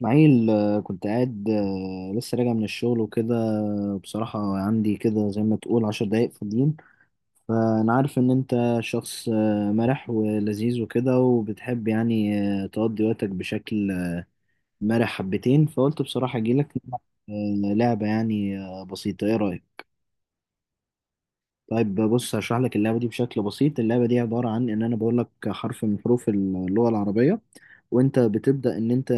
معيل، كنت قاعد، لسه راجع من الشغل وكده. بصراحة عندي كده زي ما تقول 10 دقايق فاضيين. فأنا عارف إن أنت شخص مرح ولذيذ وكده، وبتحب يعني تقضي وقتك بشكل مرح حبتين، فقلت بصراحة أجيلك نلعب، لعبة يعني بسيطة. إيه رأيك؟ طيب بص، هشرح لك اللعبة دي بشكل بسيط. اللعبة دي عبارة عن إن أنا بقول لك حرف من حروف اللغة العربية، وأنت بتبدأ إن أنت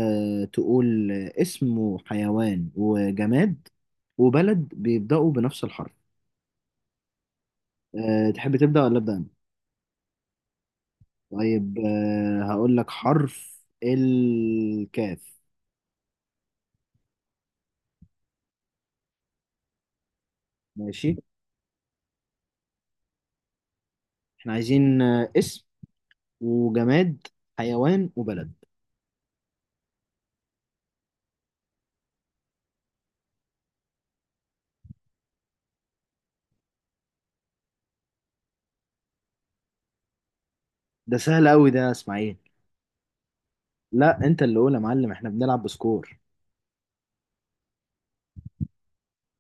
تقول اسم وحيوان وجماد وبلد بيبدأوا بنفس الحرف. تحب تبدأ ولا أبدأ أنا؟ طيب، هقول لك حرف الكاف. ماشي. إحنا عايزين اسم وجماد حيوان وبلد. ده سهل أوي ده يا إسماعيل. لا، أنت اللي قول يا معلم، إحنا بنلعب بسكور.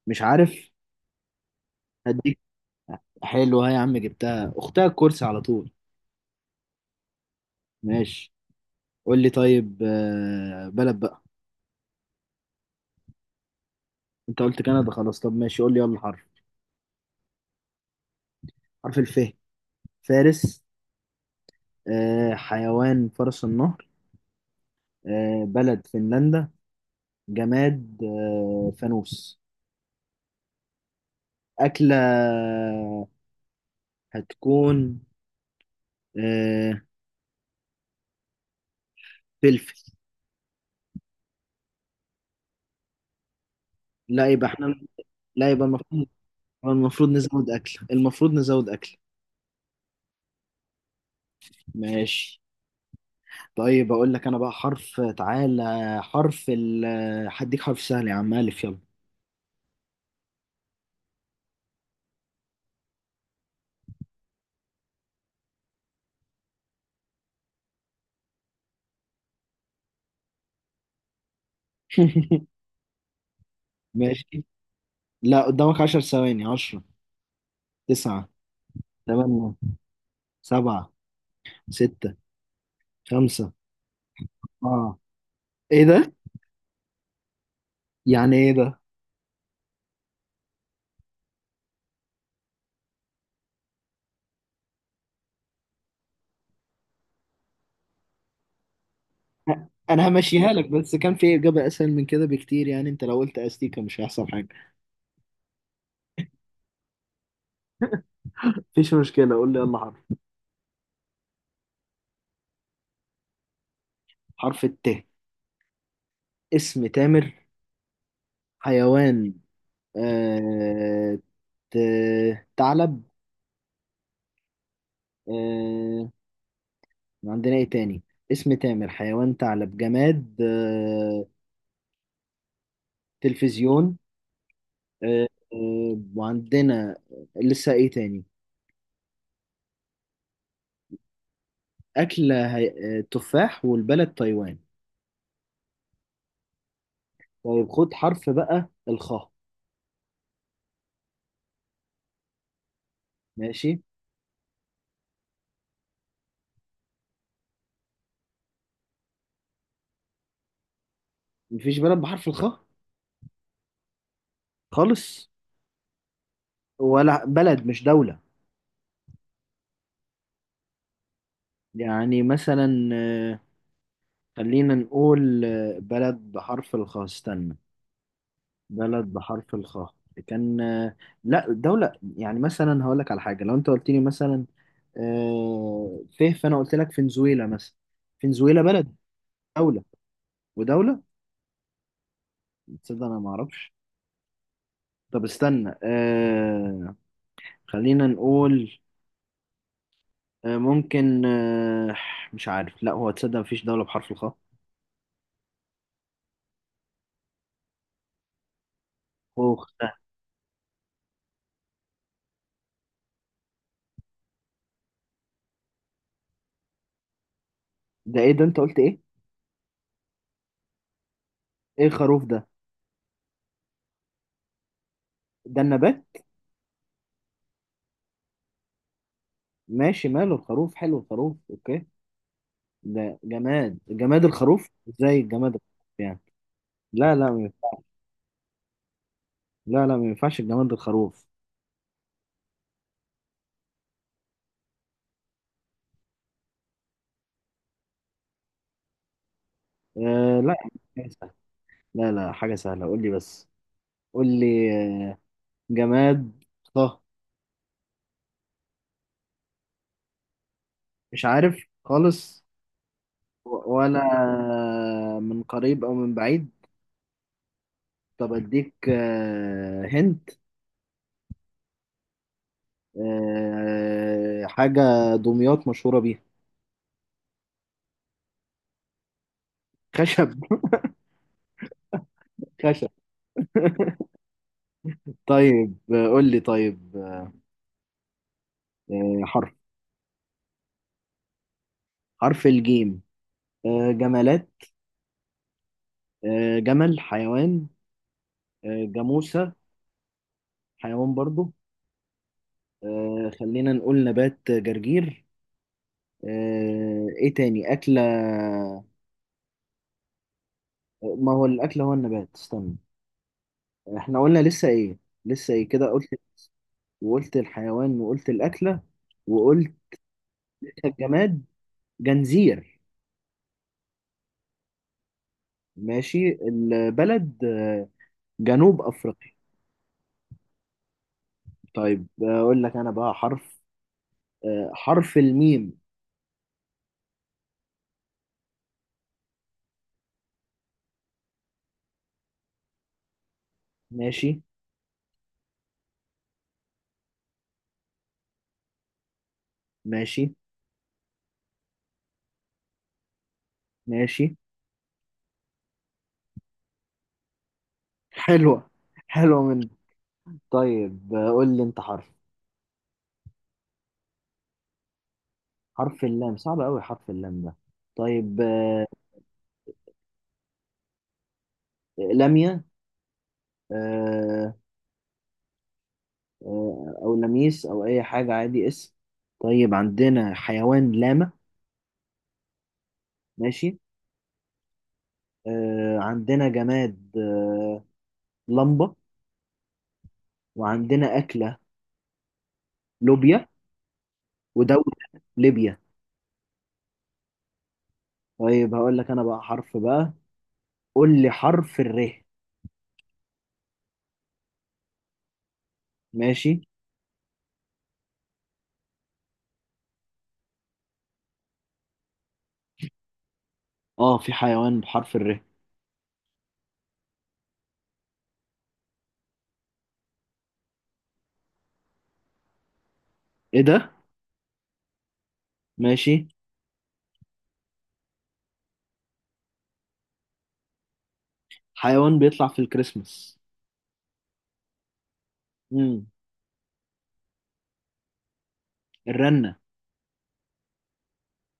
مش عارف. هديك. حلو، ها يا عم، جبتها اختها، الكرسي على طول. ماشي. قول لي طيب بلد بقى. انت قلت كندا خلاص، طب ماشي، قول لي يلا حرف. حرف الف. فارس. حيوان فرس النهر. بلد فنلندا. جماد فانوس. أكلة هتكون آه، فلفل. لا، يبقى احنا. لا، يبقى المفروض. المفروض نزود أكل، المفروض نزود أكل. ماشي. طيب اقول لك انا بقى حرف، تعالى. حرف هديك حرف سهل يا عم، الف، يلا. ماشي. لا، قدامك 10 ثواني. 10، 9، 8، 7، 6، 5. اه. ايه ده؟ يعني ايه ده؟ أ- انا همشيها لك، بس كان في اجابة اسهل من كده بكتير. يعني انت لو قلت استيكة مش هيحصل حاجة. مفيش مشكلة، قول لي يلا حرف. حرف الت. اسم تامر. حيوان آه... ت... ثعلب. آه... عندنا ايه تاني؟ اسم تامر، حيوان ثعلب، جماد تلفزيون. آه، وعندنا لسه ايه تاني؟ أكلة تفاح، والبلد تايوان. طيب خد حرف بقى، الخاء. ماشي. مفيش بلد بحرف الخاء. خالص. ولا بلد مش دولة. يعني مثلا خلينا نقول بلد بحرف الخاء، استنى. بلد بحرف الخاء كان لا، دولة. يعني مثلا هقول لك على حاجة، لو انت قلت لي مثلا فيه، فانا قلت لك فنزويلا مثلا، فنزويلا بلد. دولة ودولة. تصدق انا ما اعرفش. طب استنى، خلينا نقول ممكن، مش عارف. لا هو، تصدق مفيش دولة بحرف الخاء. خوخ ده. ده ايه ده؟ انت قلت ايه؟ ايه الخروف ده؟ ده النبات. ماشي، ماله الخروف، حلو الخروف، اوكي. ده جماد؟ جماد الخروف ازاي؟ الجماد الخروف يعني؟ لا، لا، لا، لا، ما ينفعش الجماد الخروف. لا، حاجة سهلة. لا، لا، حاجة سهلة، قول لي بس. قول لي آه، جماد. صه. مش عارف خالص. ولا من قريب او من بعيد. طب اديك هنت حاجة دمياط مشهورة بيها. خشب. خشب. طيب، قول لي طيب حرف. حرف الجيم. جمالات. جمل حيوان. جاموسة حيوان برضو. خلينا نقول نبات جرجير. ايه تاني أكلة؟ ما هو الأكل هو النبات، استنى. احنا قلنا لسه ايه؟ لسه ايه كده قلت؟ وقلت الحيوان وقلت الأكلة وقلت الجماد. جنزير. ماشي. البلد جنوب أفريقيا. طيب أقول لك أنا بقى حرف حرف الميم. ماشي. ماشي. ماشي، حلوة، حلوة من. طيب، قول لي أنت حرف. حرف اللام صعب أوي، حرف اللام ده. طيب، لمية او لميس او اي حاجه عادي، اسم. طيب عندنا حيوان لاما. ماشي. عندنا جماد لمبه. وعندنا اكله لوبيا. ودوله ليبيا. طيب هقول لك انا بقى حرف بقى. قول لي حرف الر. ماشي. اه، في حيوان بحرف الر. ايه ده. ماشي. حيوان بيطلع في الكريسماس. امم الرنه.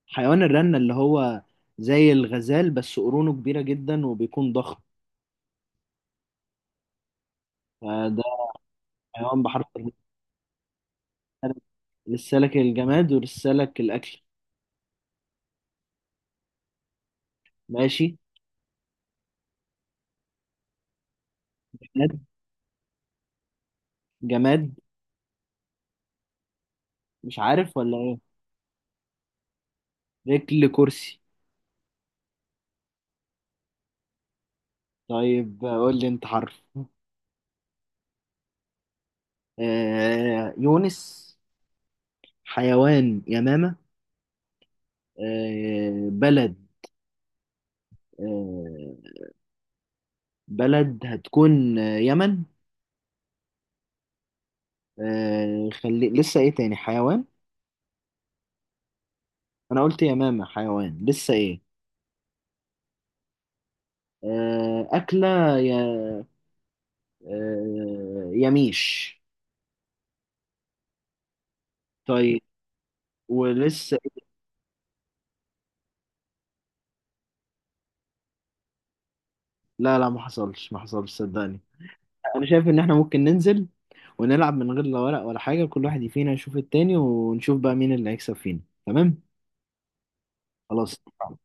حيوان الرنه اللي هو زي الغزال، بس قرونه كبيره جدا وبيكون ضخم، فده حيوان بحرف الر. لسالك الجماد ولسالك الأكل. ماشي. جماد، جماد. مش عارف ولا إيه؟ رجل كرسي. طيب قول لي أنت حرف. يونس. حيوان يمامة. بلد، آه بلد هتكون يمن. خلي، لسه إيه تاني حيوان؟ أنا قلت يمامة حيوان، لسه إيه؟ أكلة يا يميش. طيب. ولسه إيه؟ لا، لا، ما حصلش، ما حصلش، صدقني. انا شايف ان احنا ممكن ننزل ونلعب من غير لا ورق ولا حاجه، كل واحد فينا يشوف التاني، ونشوف بقى مين اللي هيكسب فينا. تمام. خلاص.